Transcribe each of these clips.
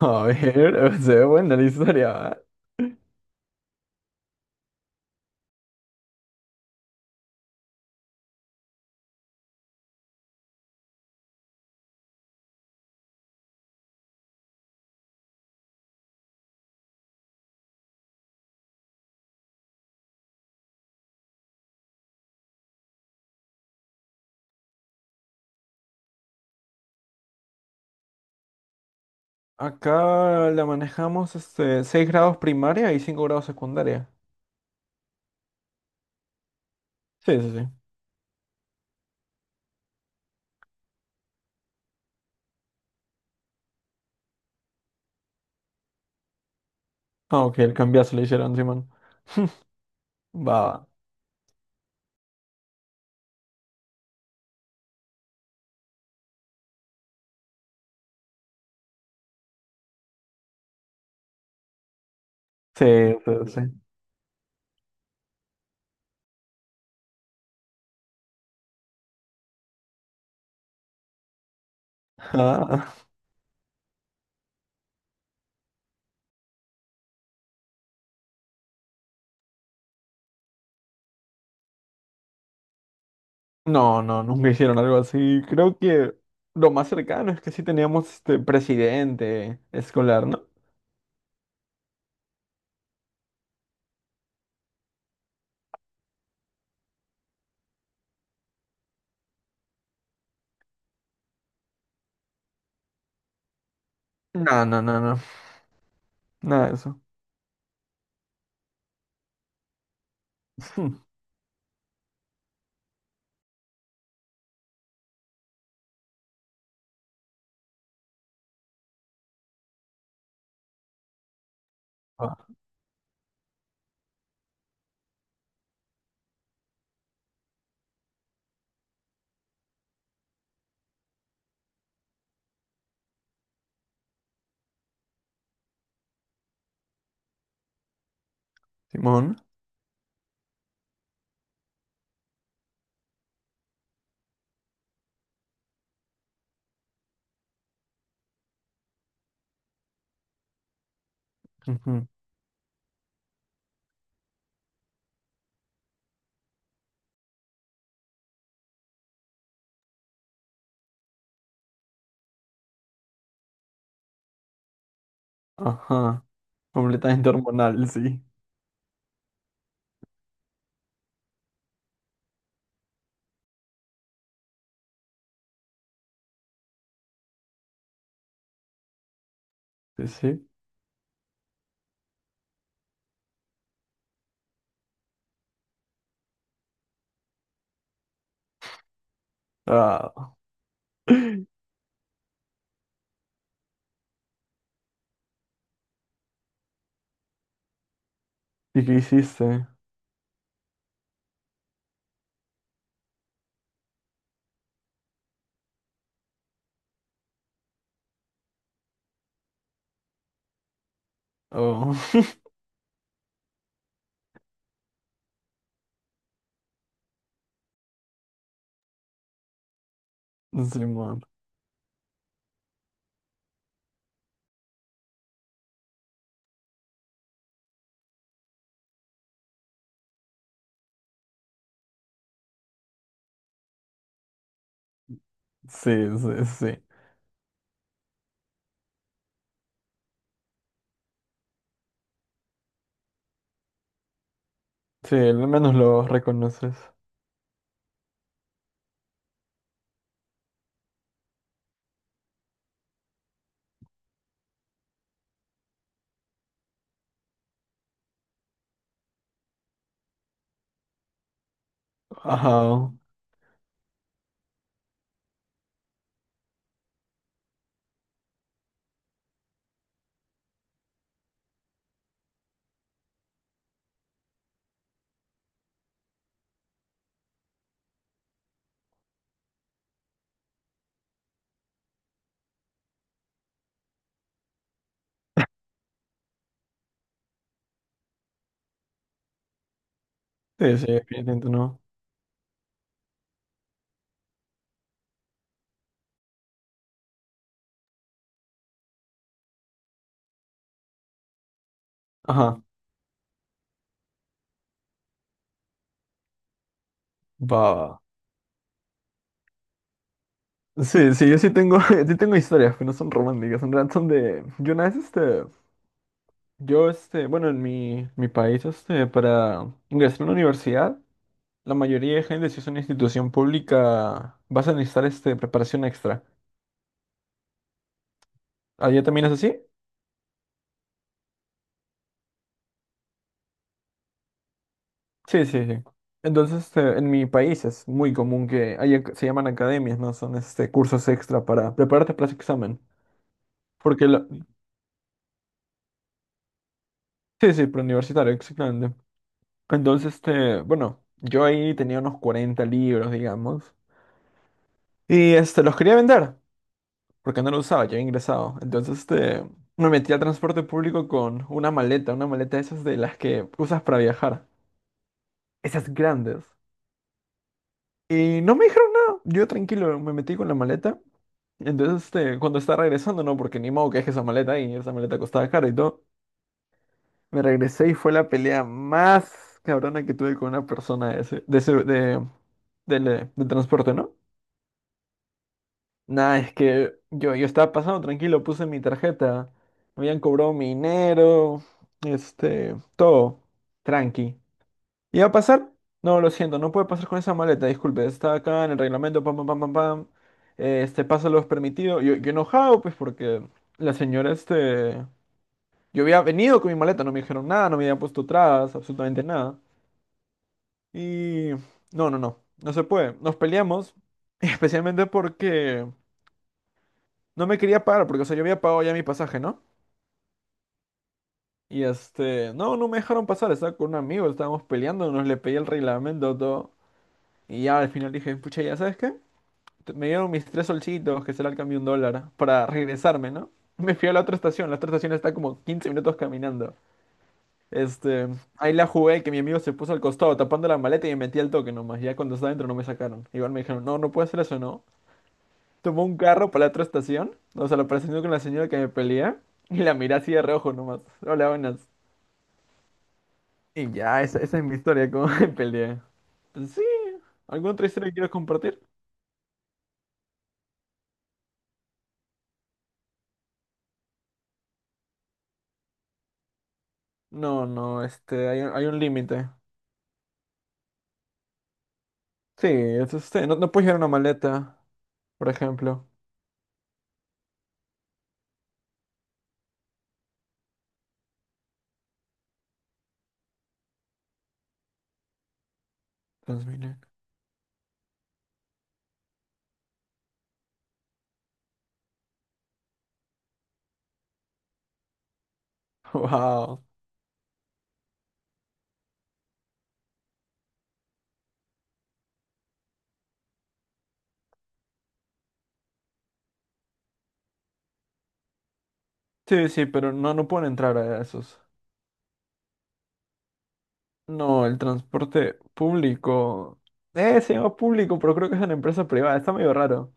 A ver, se ve buena la historia. ¿Va? Acá la manejamos 6 grados primaria y 5 grados secundaria. Sí, sí, sí. Ah, ok, el cambiazo le hicieron, Simón. Va, va. Sí, sí, sí. Ah. No, no, nunca hicieron algo así. Creo que lo más cercano es que sí teníamos presidente escolar, ¿no? No, no, no, no. Nada de eso. Hmm. Ah, Simón. Ujú. Ajá. Completamente hormonal, sí. Sí, sí. Ah. ¿Y qué hiciste? Oh, Simón. Sí, sí, sí. Sí, al menos lo reconoces. Ajá. Sí, sí, definitivamente no. Ajá. Va, va. Sí, sí, yo sí tengo, sí tengo historias que no son románticas, en realidad son de. Yo una vez este. Yo bueno, en mi país, para ingresar a una universidad, la mayoría de gente, si es una institución pública, vas a necesitar preparación extra. ¿Allá también es así? Sí, sí, sí. Entonces, en mi país es muy común que haya, se llaman academias, ¿no? Son cursos extra para prepararte para ese examen. Porque, la- sí, sí, preuniversitario, exactamente. Entonces, bueno, yo ahí tenía unos 40 libros, digamos. Y los quería vender, porque no los usaba, ya había ingresado. Entonces, me metí al transporte público con una maleta de esas de las que usas para viajar. Esas grandes. Y no me dijeron nada. Yo tranquilo me metí con la maleta. Entonces, cuando estaba regresando, no, porque ni modo que deje esa maleta ahí, esa maleta costaba caro y todo. Me regresé y fue la pelea más cabrona que tuve con una persona del, del transporte, ¿no? Nada, es que yo estaba pasando tranquilo, puse mi tarjeta, me habían cobrado mi dinero, todo, tranqui. ¿Iba a pasar? No, lo siento, no puede pasar con esa maleta, disculpe, está acá en el reglamento, pam, pam, pam, pam, pam. Este paso lo es permitido. Yo enojado, pues, porque la señora, Yo había venido con mi maleta, no me dijeron nada, no me habían puesto trabas, absolutamente nada. Y... No, no, no, no se puede. Nos peleamos, especialmente porque no me quería pagar, porque, o sea, yo había pagado ya mi pasaje, ¿no? Y No, no me dejaron pasar, estaba con un amigo, estábamos peleando, nos le pedí el reglamento, todo. Y ya al final dije, pucha, ¿ya sabes qué? Me dieron mis tres solcitos, que será el cambio de un dólar, para regresarme, ¿no? Me fui a la otra estación está como 15 minutos caminando. Este, ahí la jugué, que mi amigo se puso al costado tapando la maleta y me metí al toque nomás. Ya cuando estaba dentro no me sacaron. Igual me dijeron, no, no puede hacer eso, ¿no? Tomó un carro para la otra estación, o sea, lo presionó con la señora que me pelea y la miré así de reojo nomás. Hola, buenas. Y ya, esa es mi historia, cómo me peleé. Pues sí, ¿alguna otra historia que quieras compartir? No, no, hay un límite. Sí, es no, no puedes llevar una maleta, por ejemplo. Transmilenio. Wow. Sí, sí, pero no, no pueden entrar a esos. No, el transporte público. Se llama público, pero creo que es una empresa privada. Está medio raro.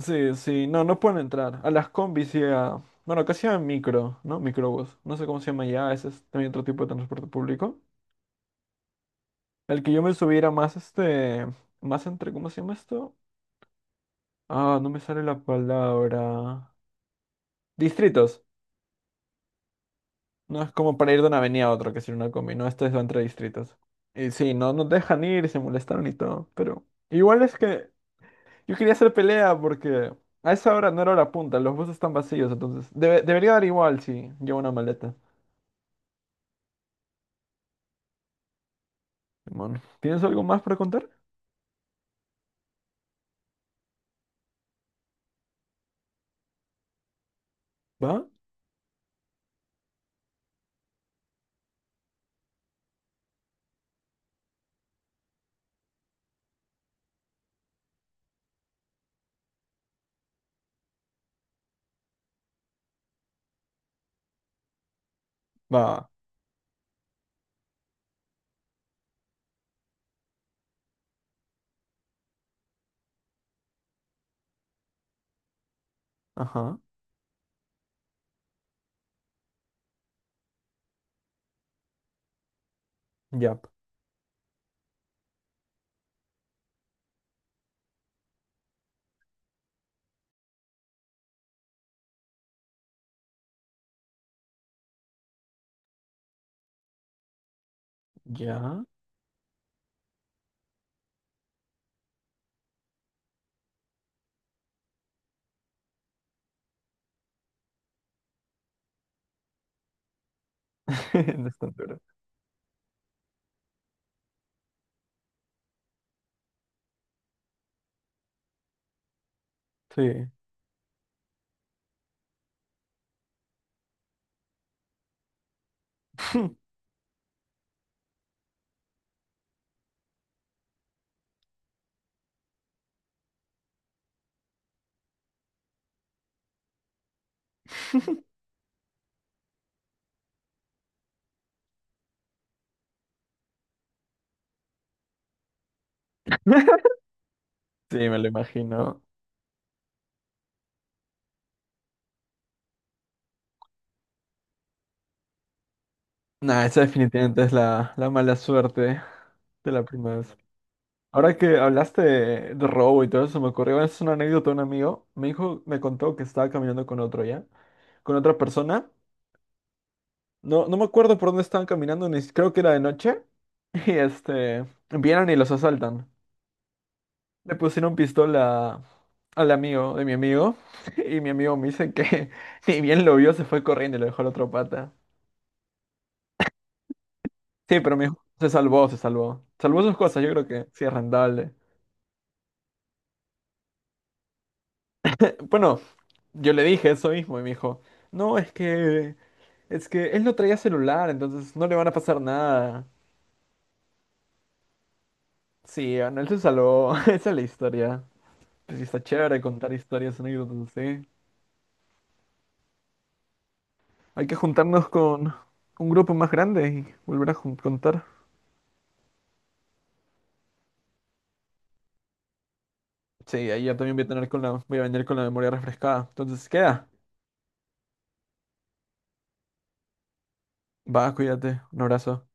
Sí, sí, no, no pueden entrar. A las combis y a... Bueno, casi a micro, ¿no? Microbús. No sé cómo se llama ya, ese es también otro tipo de transporte público. El que yo me subiera más este... Más entre... ¿Cómo se llama esto? Ah, no me sale la palabra. Distritos. No es como para ir de una avenida a otra, que es ir una combi, no, este es entre distritos. Y sí, no nos dejan ir, se molestaron y todo, pero igual es que yo quería hacer pelea porque a esa hora no era hora punta, los buses están vacíos, entonces debería dar igual si llevo una maleta. Simón, ¿tienes algo más para contar? ¿Va? Va. Ajá. Ya. Ya. No es tanto. Sí. Sí, me lo imagino. Nah, esa definitivamente es la mala suerte de la primavera. Ahora que hablaste de robo y todo eso, me ocurrió, es una anécdota de un amigo. Me dijo, me contó que estaba caminando con otro ya, con otra persona. No, no me acuerdo por dónde estaban caminando, ni si- creo que era de noche. Y vienen y los asaltan. Le pusieron pistola al amigo de mi amigo. Y mi amigo me dice que ni bien lo vio, se fue corriendo y lo dejó a la otra pata. Sí, pero mi hijo se salvó, se salvó. Salvó sus cosas, yo creo que sí es rentable. Bueno, yo le dije eso mismo y me dijo, no, es que es que él no traía celular, entonces no le van a pasar nada. Sí, bueno, él se salvó. Esa es la historia. Pues sí, está chévere contar historias, anécdotas, sí. Hay que juntarnos con un grupo más grande y volver a contar. Sí, ahí ya también voy a tener con voy a venir con la memoria refrescada. Entonces, queda. Va, cuídate. Un abrazo.